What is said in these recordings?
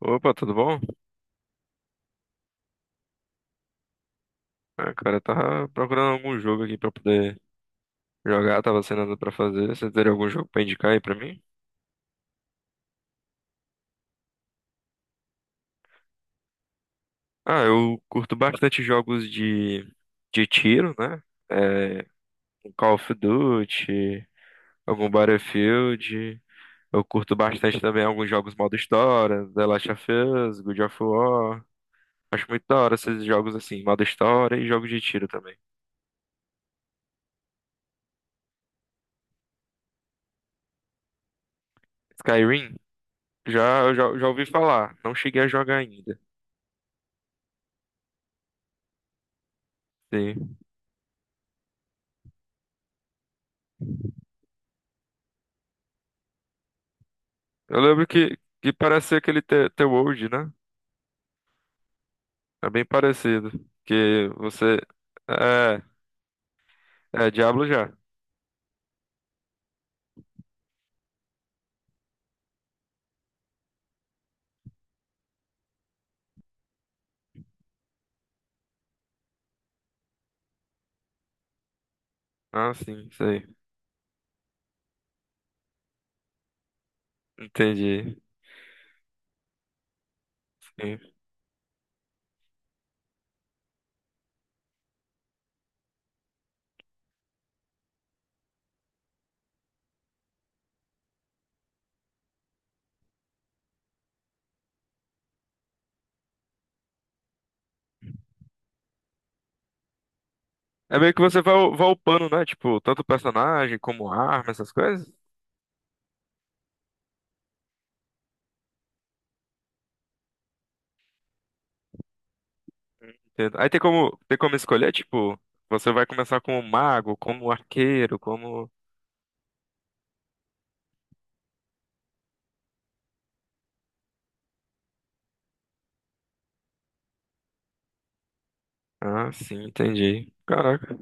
Opa, tudo bom? Ah, cara, eu tava procurando algum jogo aqui pra poder jogar, tava sem nada pra fazer. Você teria algum jogo pra indicar aí pra mim? Ah, eu curto bastante jogos de tiro, né? É, um Call of Duty, algum Battlefield. Eu curto bastante também alguns jogos modo história, The Last of Us, God of War. Acho muito da hora esses jogos assim, modo história e jogo de tiro também. Skyrim, já ouvi falar, não cheguei a jogar ainda. Sim. Eu lembro que parece ser aquele The World, né? É bem parecido. Que você. É, é Diablo já. Ah, sim, sei. Entendi. Sim. É meio que você vai upando, né? Tipo, tanto personagem como arma, essas coisas. Entendo. Aí tem como escolher, tipo, você vai começar como mago, como arqueiro, como. Ah, sim, entendi. Caraca.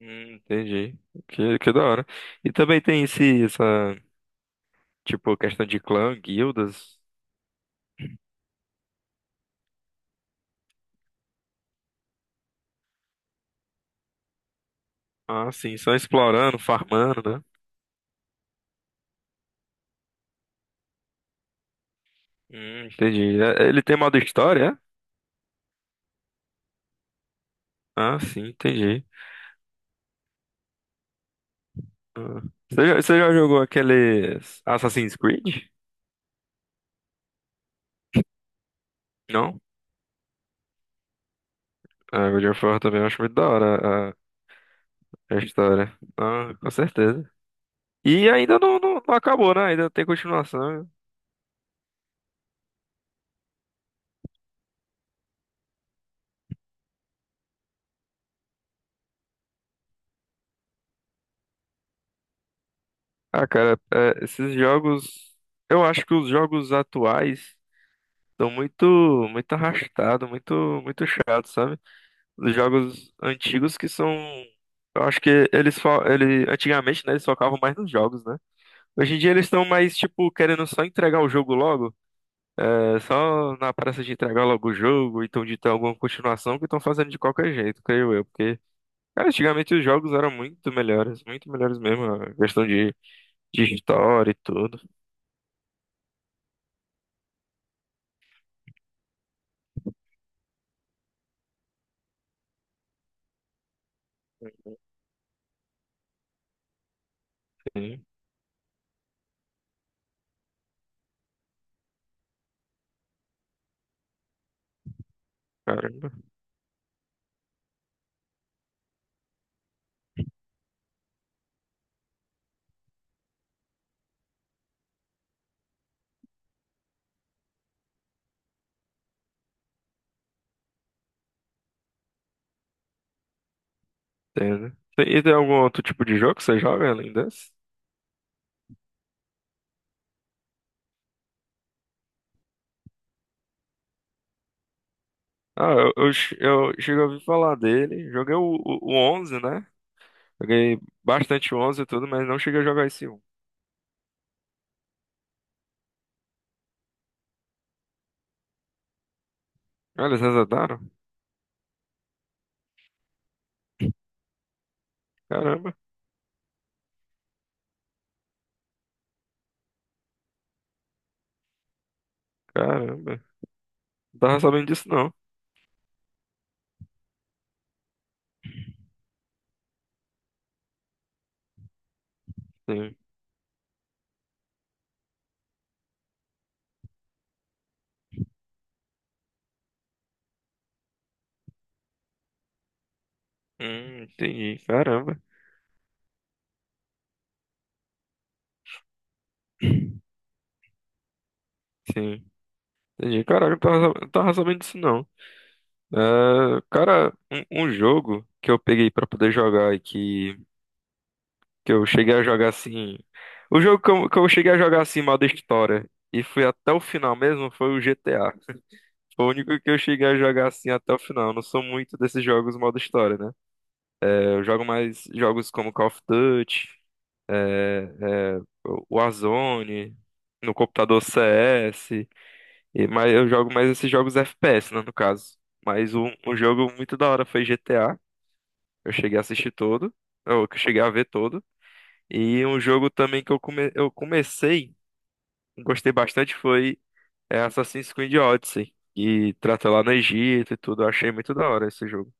Entendi. Que da hora. E também tem essa, tipo, questão de clã, guildas. Ah, sim, só explorando, farmando, né? Entendi. Ele tem modo história, é? Ah, sim, entendi. Ah. Você já jogou aqueles Assassin's Creed? Não? Ah, God of War também eu acho muito da hora a história. Ah, com certeza. E ainda não, não, não acabou, né? Ainda tem continuação. Ah, cara, é, esses jogos. Eu acho que os jogos atuais estão muito, muito arrastados, muito, muito chato, sabe? Dos jogos antigos que são. Eu acho que eles antigamente, né, eles focavam mais nos jogos, né? Hoje em dia eles estão mais, tipo, querendo só entregar o jogo logo. É só na pressa de entregar logo o jogo, então de ter alguma continuação que estão fazendo de qualquer jeito, creio eu. Porque, cara, antigamente os jogos eram muito melhores mesmo. A questão de história e tudo. Sim, caramba, entendo. E tem algum outro tipo de jogo que você joga além desse? Ah, eu cheguei a ouvir falar dele. Joguei o 11, né? Joguei bastante o 11 e tudo, mas não cheguei a jogar esse um. Ah, eles resetaram? Caramba, caramba. Não tava sabendo disso, não. Sim. Entendi. Caramba. Sim. Entendi. Caralho, não tava sabendo disso, não. É, cara, um jogo que eu peguei pra poder jogar e que eu cheguei a jogar assim. O jogo que eu cheguei a jogar assim, modo história, e fui até o final mesmo, foi o GTA. Foi o único que eu cheguei a jogar assim até o final. Eu não sou muito desses jogos modo história, né? É, eu jogo mais jogos como Call of Duty, é, é, Warzone, no computador CS, e, mas eu jogo mais esses jogos FPS, né, no caso. Mas um jogo muito da hora foi GTA, eu cheguei a assistir todo, ou que eu cheguei a ver todo. E um jogo também que eu comecei, gostei bastante, foi Assassin's Creed Odyssey, que trata lá no Egito e tudo, eu achei muito da hora esse jogo.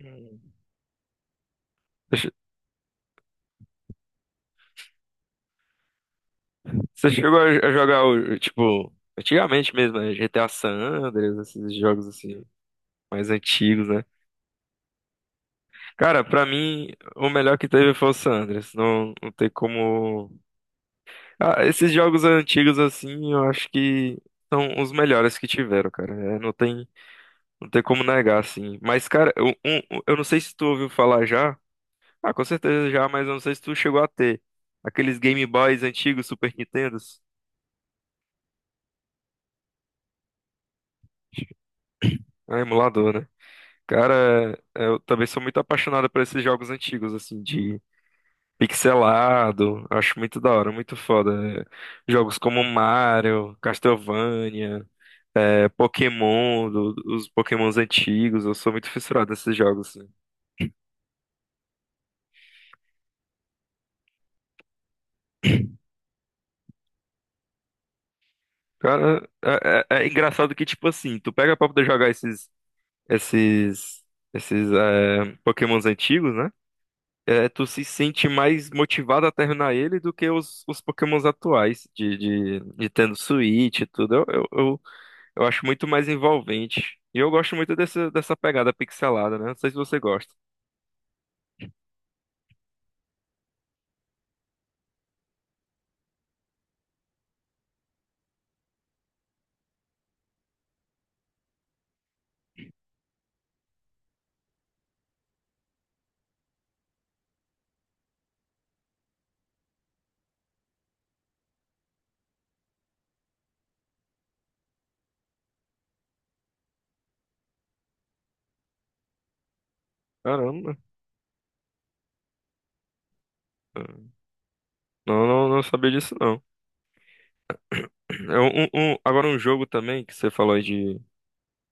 Hum. Você chegou a jogar o, tipo, antigamente mesmo, né? GTA San Andreas, esses jogos assim, mais antigos, né? Cara, pra mim, o melhor que teve foi o San Andreas. Não, não tem como. Ah, esses jogos antigos, assim, eu acho que são os melhores que tiveram, cara. É, não tem como negar, assim. Mas, cara, eu não sei se tu ouviu falar já. Ah, com certeza já, mas eu não sei se tu chegou a ter. Aqueles Game Boys antigos, Super Nintendos. Ah, emulador, né? Cara, eu também sou muito apaixonado por esses jogos antigos, assim, de pixelado. Acho muito da hora, muito foda. É, jogos como Mario, Castlevania, Pokémon, os Pokémons antigos. Eu sou muito fissurado nesses jogos, assim. Cara, é engraçado que, tipo assim, tu pega pra poder jogar esses, esses, Pokémons antigos, né? Tu se sente mais motivado a terminar ele do que os Pokémons atuais, de tendo Switch e tudo. Eu acho muito mais envolvente. E eu gosto muito dessa pegada pixelada, né? Não sei se você gosta. Caramba, não, não, não sabia disso, não. É agora um jogo também que você falou aí de,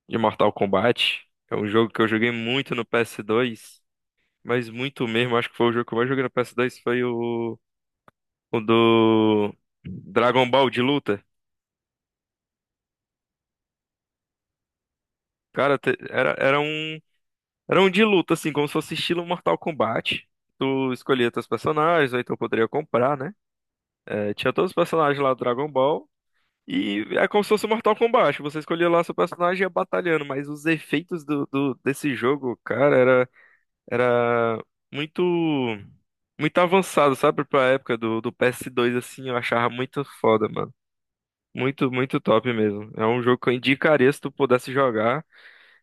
de Mortal Kombat. É um jogo que eu joguei muito no PS2, mas muito mesmo. Acho que foi o jogo que eu mais joguei no PS2 foi o do Dragon Ball de luta. Cara, era um de luta, assim, como se fosse estilo Mortal Kombat. Tu escolhia teus personagens, ou então poderia comprar, né? É, tinha todos os personagens lá do Dragon Ball. E é como se fosse Mortal Kombat. Você escolhia lá seu personagem e ia batalhando, mas os efeitos desse jogo, cara, era muito, muito avançado, sabe? Pra época do PS2, assim, eu achava muito foda, mano. Muito, muito top mesmo. É um jogo que eu indicaria se tu pudesse jogar.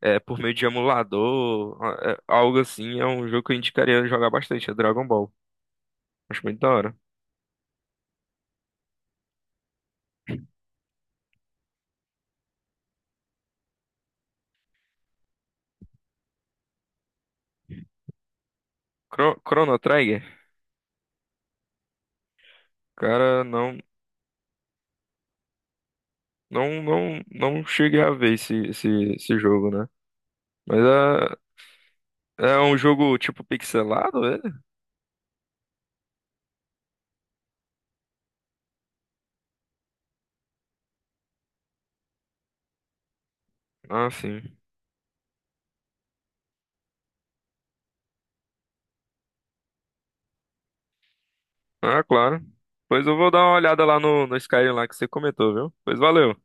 Por meio de emulador, algo assim, é um jogo que eu indicaria jogar bastante, é Dragon Ball. Acho muito da hora. Chrono Trigger, cara, não cheguei a ver esse jogo, né? Mas é um jogo tipo pixelado, ele? Ah, sim. Ah, claro. Pois eu vou dar uma olhada lá no Skyrim lá que você comentou, viu? Pois valeu.